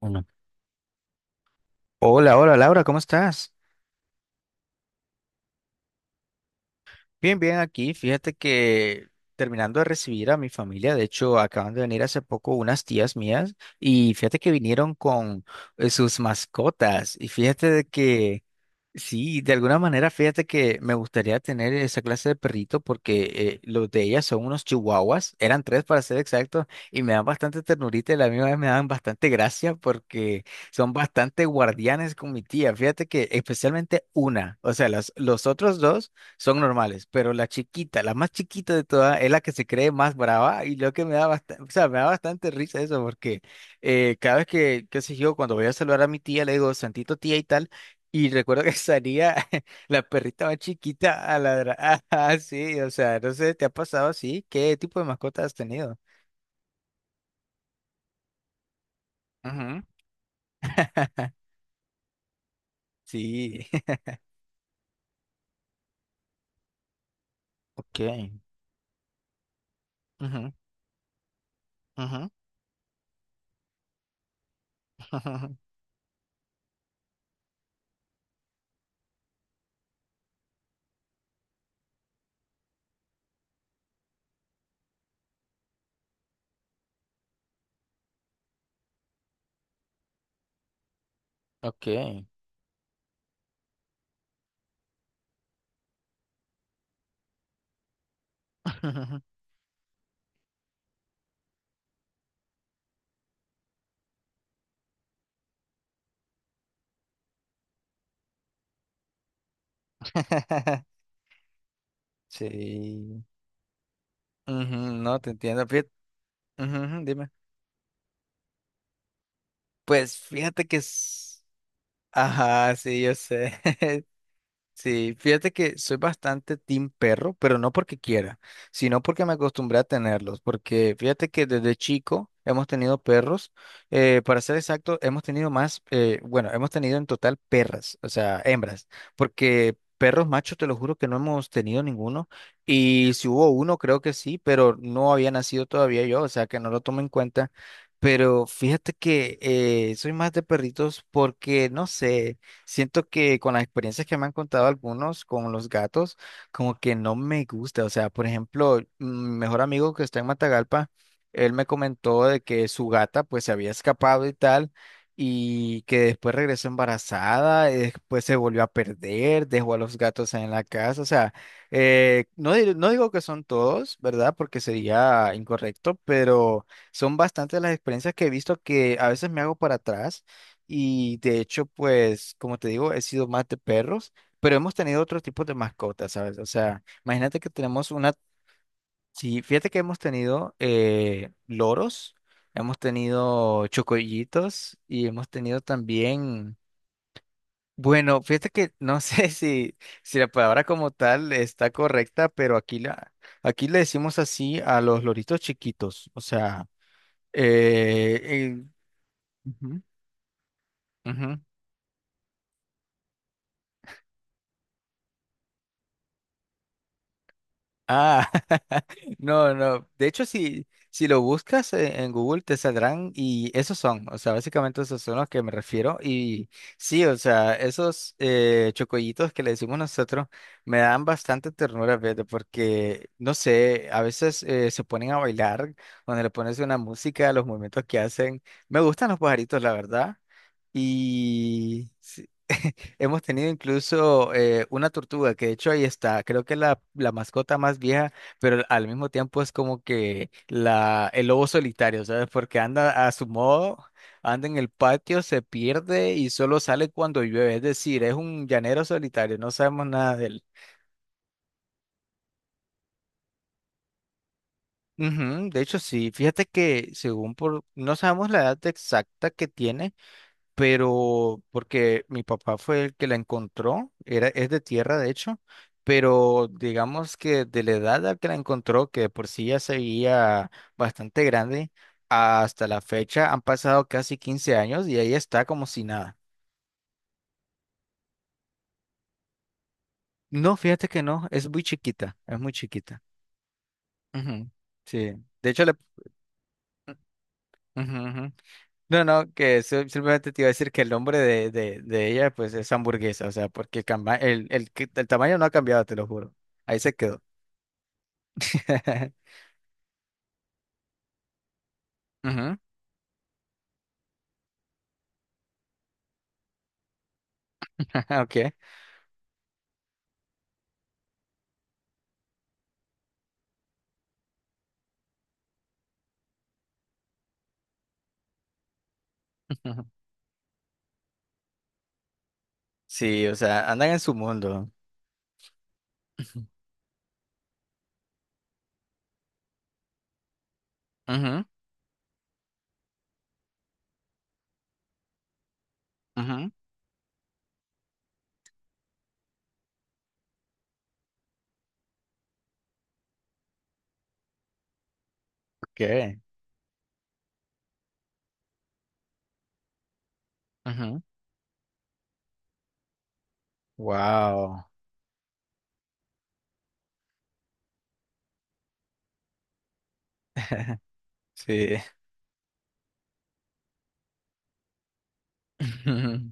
Uno. Hola, hola Laura, ¿cómo estás? Bien, bien, aquí fíjate que terminando de recibir a mi familia, de hecho acaban de venir hace poco unas tías mías y fíjate que vinieron con sus mascotas y fíjate de que sí, de alguna manera fíjate que me gustaría tener esa clase de perrito porque los de ellas son unos chihuahuas, eran tres para ser exactos y me dan bastante ternurita y la misma vez me dan bastante gracia porque son bastante guardianes con mi tía, fíjate que especialmente una, o sea, los otros dos son normales, pero la chiquita, la más chiquita de todas, es la que se cree más brava y lo que me da bastante, o sea, me da bastante risa eso porque cada vez que, qué sé yo, cuando voy a saludar a mi tía, le digo, Santito tía y tal, y recuerdo que salía la perrita más chiquita a ladrar, así, o sea, no sé, ¿te ha pasado así? ¿Qué tipo de mascota has tenido? Ujú. Sí, ok. Ujú, ujú, ok. Sí. Ujú, no, te entiendo. Fíjate, ujú, ujú, dime. Pues fíjate que es... Ajá, sí, yo sé. Sí, fíjate que soy bastante team perro, pero no porque quiera, sino porque me acostumbré a tenerlos, porque fíjate que desde chico hemos tenido perros, para ser exacto, hemos tenido más, bueno, hemos tenido en total perras, o sea, hembras, porque perros machos te lo juro que no hemos tenido ninguno, y si hubo uno creo que sí, pero no había nacido todavía yo, o sea que no lo tomo en cuenta, pero fíjate que soy más de perritos porque, no sé. Siento que con las experiencias que me han contado algunos con los gatos, como que no me gusta. O sea, por ejemplo, mi mejor amigo que está en Matagalpa, él me comentó de que su gata pues se había escapado y tal, y que después regresó embarazada, y después se volvió a perder, dejó a los gatos en la casa. O sea, no, no digo que son todos, ¿verdad? Porque sería incorrecto, pero son bastantes las experiencias que he visto que a veces me hago para atrás y de hecho, pues, como te digo, he sido más de perros, pero hemos tenido otro tipo de mascotas, ¿sabes? O sea, imagínate que tenemos una, sí, fíjate que hemos tenido loros, hemos tenido chocollitos y hemos tenido también, bueno, fíjate que no sé si, si la palabra como tal está correcta, pero aquí, aquí le decimos así a los loritos chiquitos, o sea, eh, eh, ujú, ujú. Ah, no, no. De hecho, si, si lo buscas en Google te saldrán y esos son, o sea, básicamente esos son los que me refiero. Y sí, o sea, esos chocollitos que le decimos nosotros me dan bastante ternura, fíjate, porque, no sé, a veces se ponen a bailar, cuando le pones una música, los movimientos que hacen. Me gustan los pajaritos, la verdad. Y... sí. Hemos tenido incluso una tortuga, que de hecho ahí está, creo que es la, la mascota más vieja, pero al mismo tiempo es como que la, el lobo solitario, ¿sabes? Porque anda a su modo, anda en el patio, se pierde y solo sale cuando llueve, es decir, es un llanero solitario, no sabemos nada de él. Ujú, de hecho, sí, fíjate que según por, no sabemos la edad exacta que tiene, pero porque mi papá fue el que la encontró, era, es de tierra de hecho, pero digamos que de la edad a que la encontró, que de por sí ya se veía bastante grande, hasta la fecha han pasado casi 15 años y ahí está como si nada. No, fíjate que no, es muy chiquita, es muy chiquita. Ujú, sí, de hecho le... ujú, ujú. No, no, que eso simplemente te iba a decir que el nombre de ella pues es hamburguesa, o sea, porque el tamaño no ha cambiado, te lo juro. Ahí se quedó. Ujú, ok. Ujú. Sí, o sea, andan en su mundo. Ujú, ujú, ok. Ujú, wow. Sí. Ujú,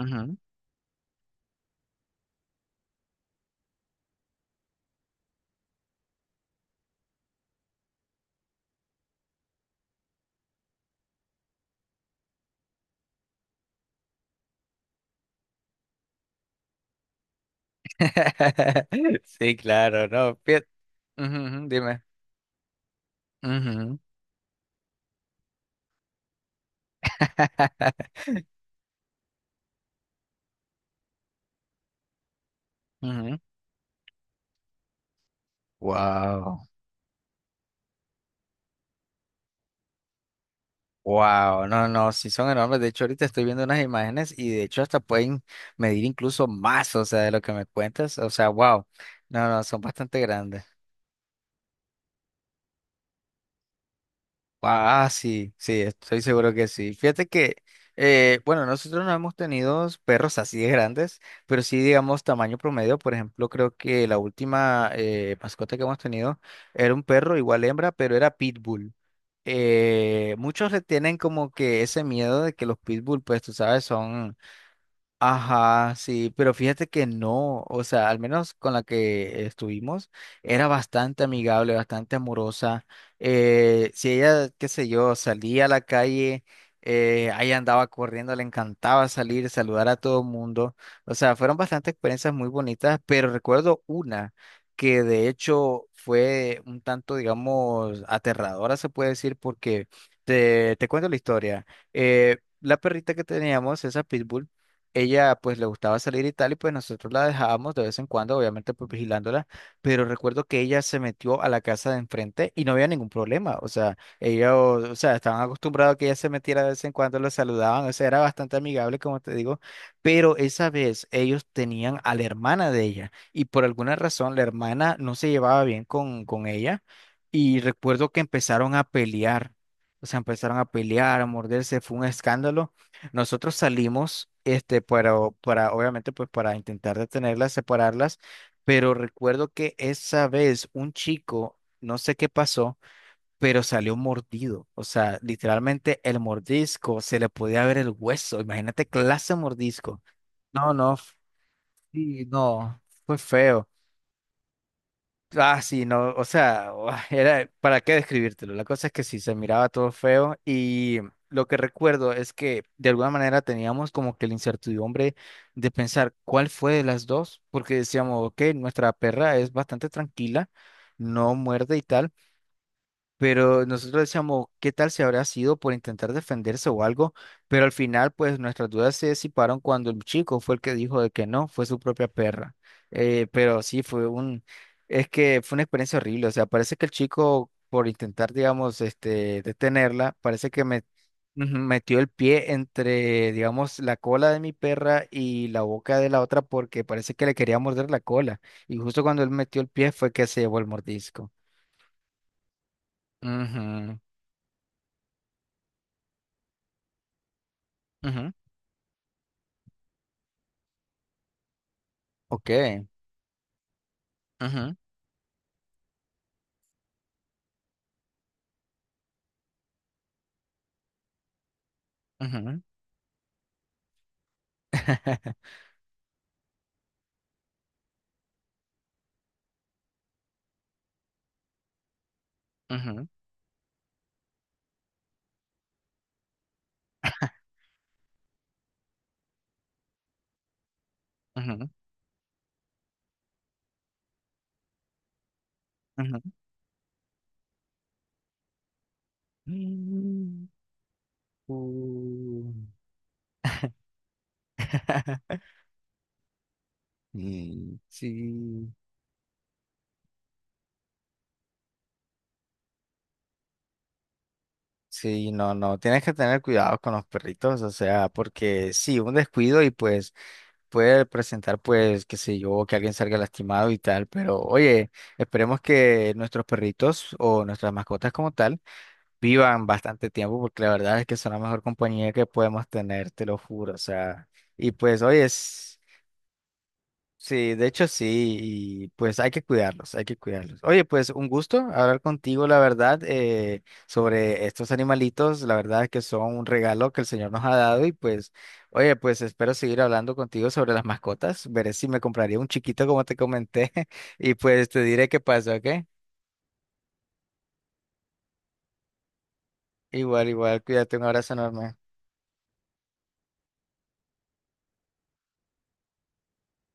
ujú, sí, claro, no. Ujú, ujú, dime. Ujú, ujú. Wow. Wow, no, no, sí son enormes. De hecho, ahorita estoy viendo unas imágenes y de hecho hasta pueden medir incluso más, o sea, de lo que me cuentas. O sea, wow. No, no, son bastante grandes. Wow, ah, sí, sí, estoy seguro que sí. Fíjate que, bueno, nosotros no hemos tenido perros así de grandes, pero sí, digamos, tamaño promedio. Por ejemplo, creo que la última mascota que hemos tenido era un perro, igual hembra, pero era pitbull. Muchos le tienen como que ese miedo de que los pitbull, pues tú sabes, son... Ajá, sí, pero fíjate que no, o sea, al menos con la que estuvimos, era bastante amigable, bastante amorosa. Si ella, qué sé yo, salía a la calle, ahí andaba corriendo, le encantaba salir, saludar a todo el mundo. O sea, fueron bastantes experiencias muy bonitas, pero recuerdo una que de hecho fue un tanto, digamos, aterradora, se puede decir, porque te cuento la historia. La perrita que teníamos, esa pitbull, ella pues le gustaba salir y tal, y pues nosotros la dejábamos de vez en cuando, obviamente pues vigilándola, pero recuerdo que ella se metió a la casa de enfrente y no había ningún problema, o sea, ella, o sea, estaban acostumbrados a que ella se metiera de vez en cuando, la saludaban, o sea, era bastante amigable, como te digo, pero esa vez ellos tenían a la hermana de ella y por alguna razón la hermana no se llevaba bien con ella y recuerdo que empezaron a pelear. O sea, empezaron a pelear, a morderse, fue un escándalo. Nosotros salimos, este, para, obviamente, pues para intentar detenerlas, separarlas, pero recuerdo que esa vez un chico, no sé qué pasó, pero salió mordido. O sea, literalmente el mordisco, se le podía ver el hueso. Imagínate clase de mordisco. No, no, sí, no, fue feo. Ah, sí, no, o sea, era, ¿para qué describírtelo? La cosa es que sí, se miraba todo feo y lo que recuerdo es que de alguna manera teníamos como que la incertidumbre de pensar cuál fue de las dos, porque decíamos, ok, nuestra perra es bastante tranquila, no muerde y tal. Pero nosotros decíamos, ¿qué tal si habrá sido por intentar defenderse o algo? Pero al final, pues nuestras dudas se disiparon cuando el chico fue el que dijo de que no, fue su propia perra. Pero sí, fue un, es que fue una experiencia horrible. O sea, parece que el chico, por intentar, digamos, este, detenerla, parece que ujú, metió el pie entre, digamos, la cola de mi perra y la boca de la otra porque parece que le quería morder la cola. Y justo cuando él metió el pie fue que se llevó el mordisco. Ujú, ujú. Ok. Ujú, ujú, ujú, ujú, ujú. Mm, uh. Mm, sí, sí, no, no, tienes que tener cuidado con los perritos, o sea, porque sí, un descuido y pues puede presentar pues, qué sé yo, que alguien salga lastimado y tal, pero oye, esperemos que nuestros perritos o nuestras mascotas como tal vivan bastante tiempo porque la verdad es que son la mejor compañía que podemos tener, te lo juro, o sea, y pues, oye, sí, de hecho sí, y pues hay que cuidarlos, hay que cuidarlos. Oye, pues un gusto hablar contigo, la verdad, sobre estos animalitos, la verdad es que son un regalo que el Señor nos ha dado y pues, oye, pues espero seguir hablando contigo sobre las mascotas, veré si me compraría un chiquito como te comenté y pues te diré qué pasó, ¿ok? Igual, igual, cuídate, un abrazo enorme.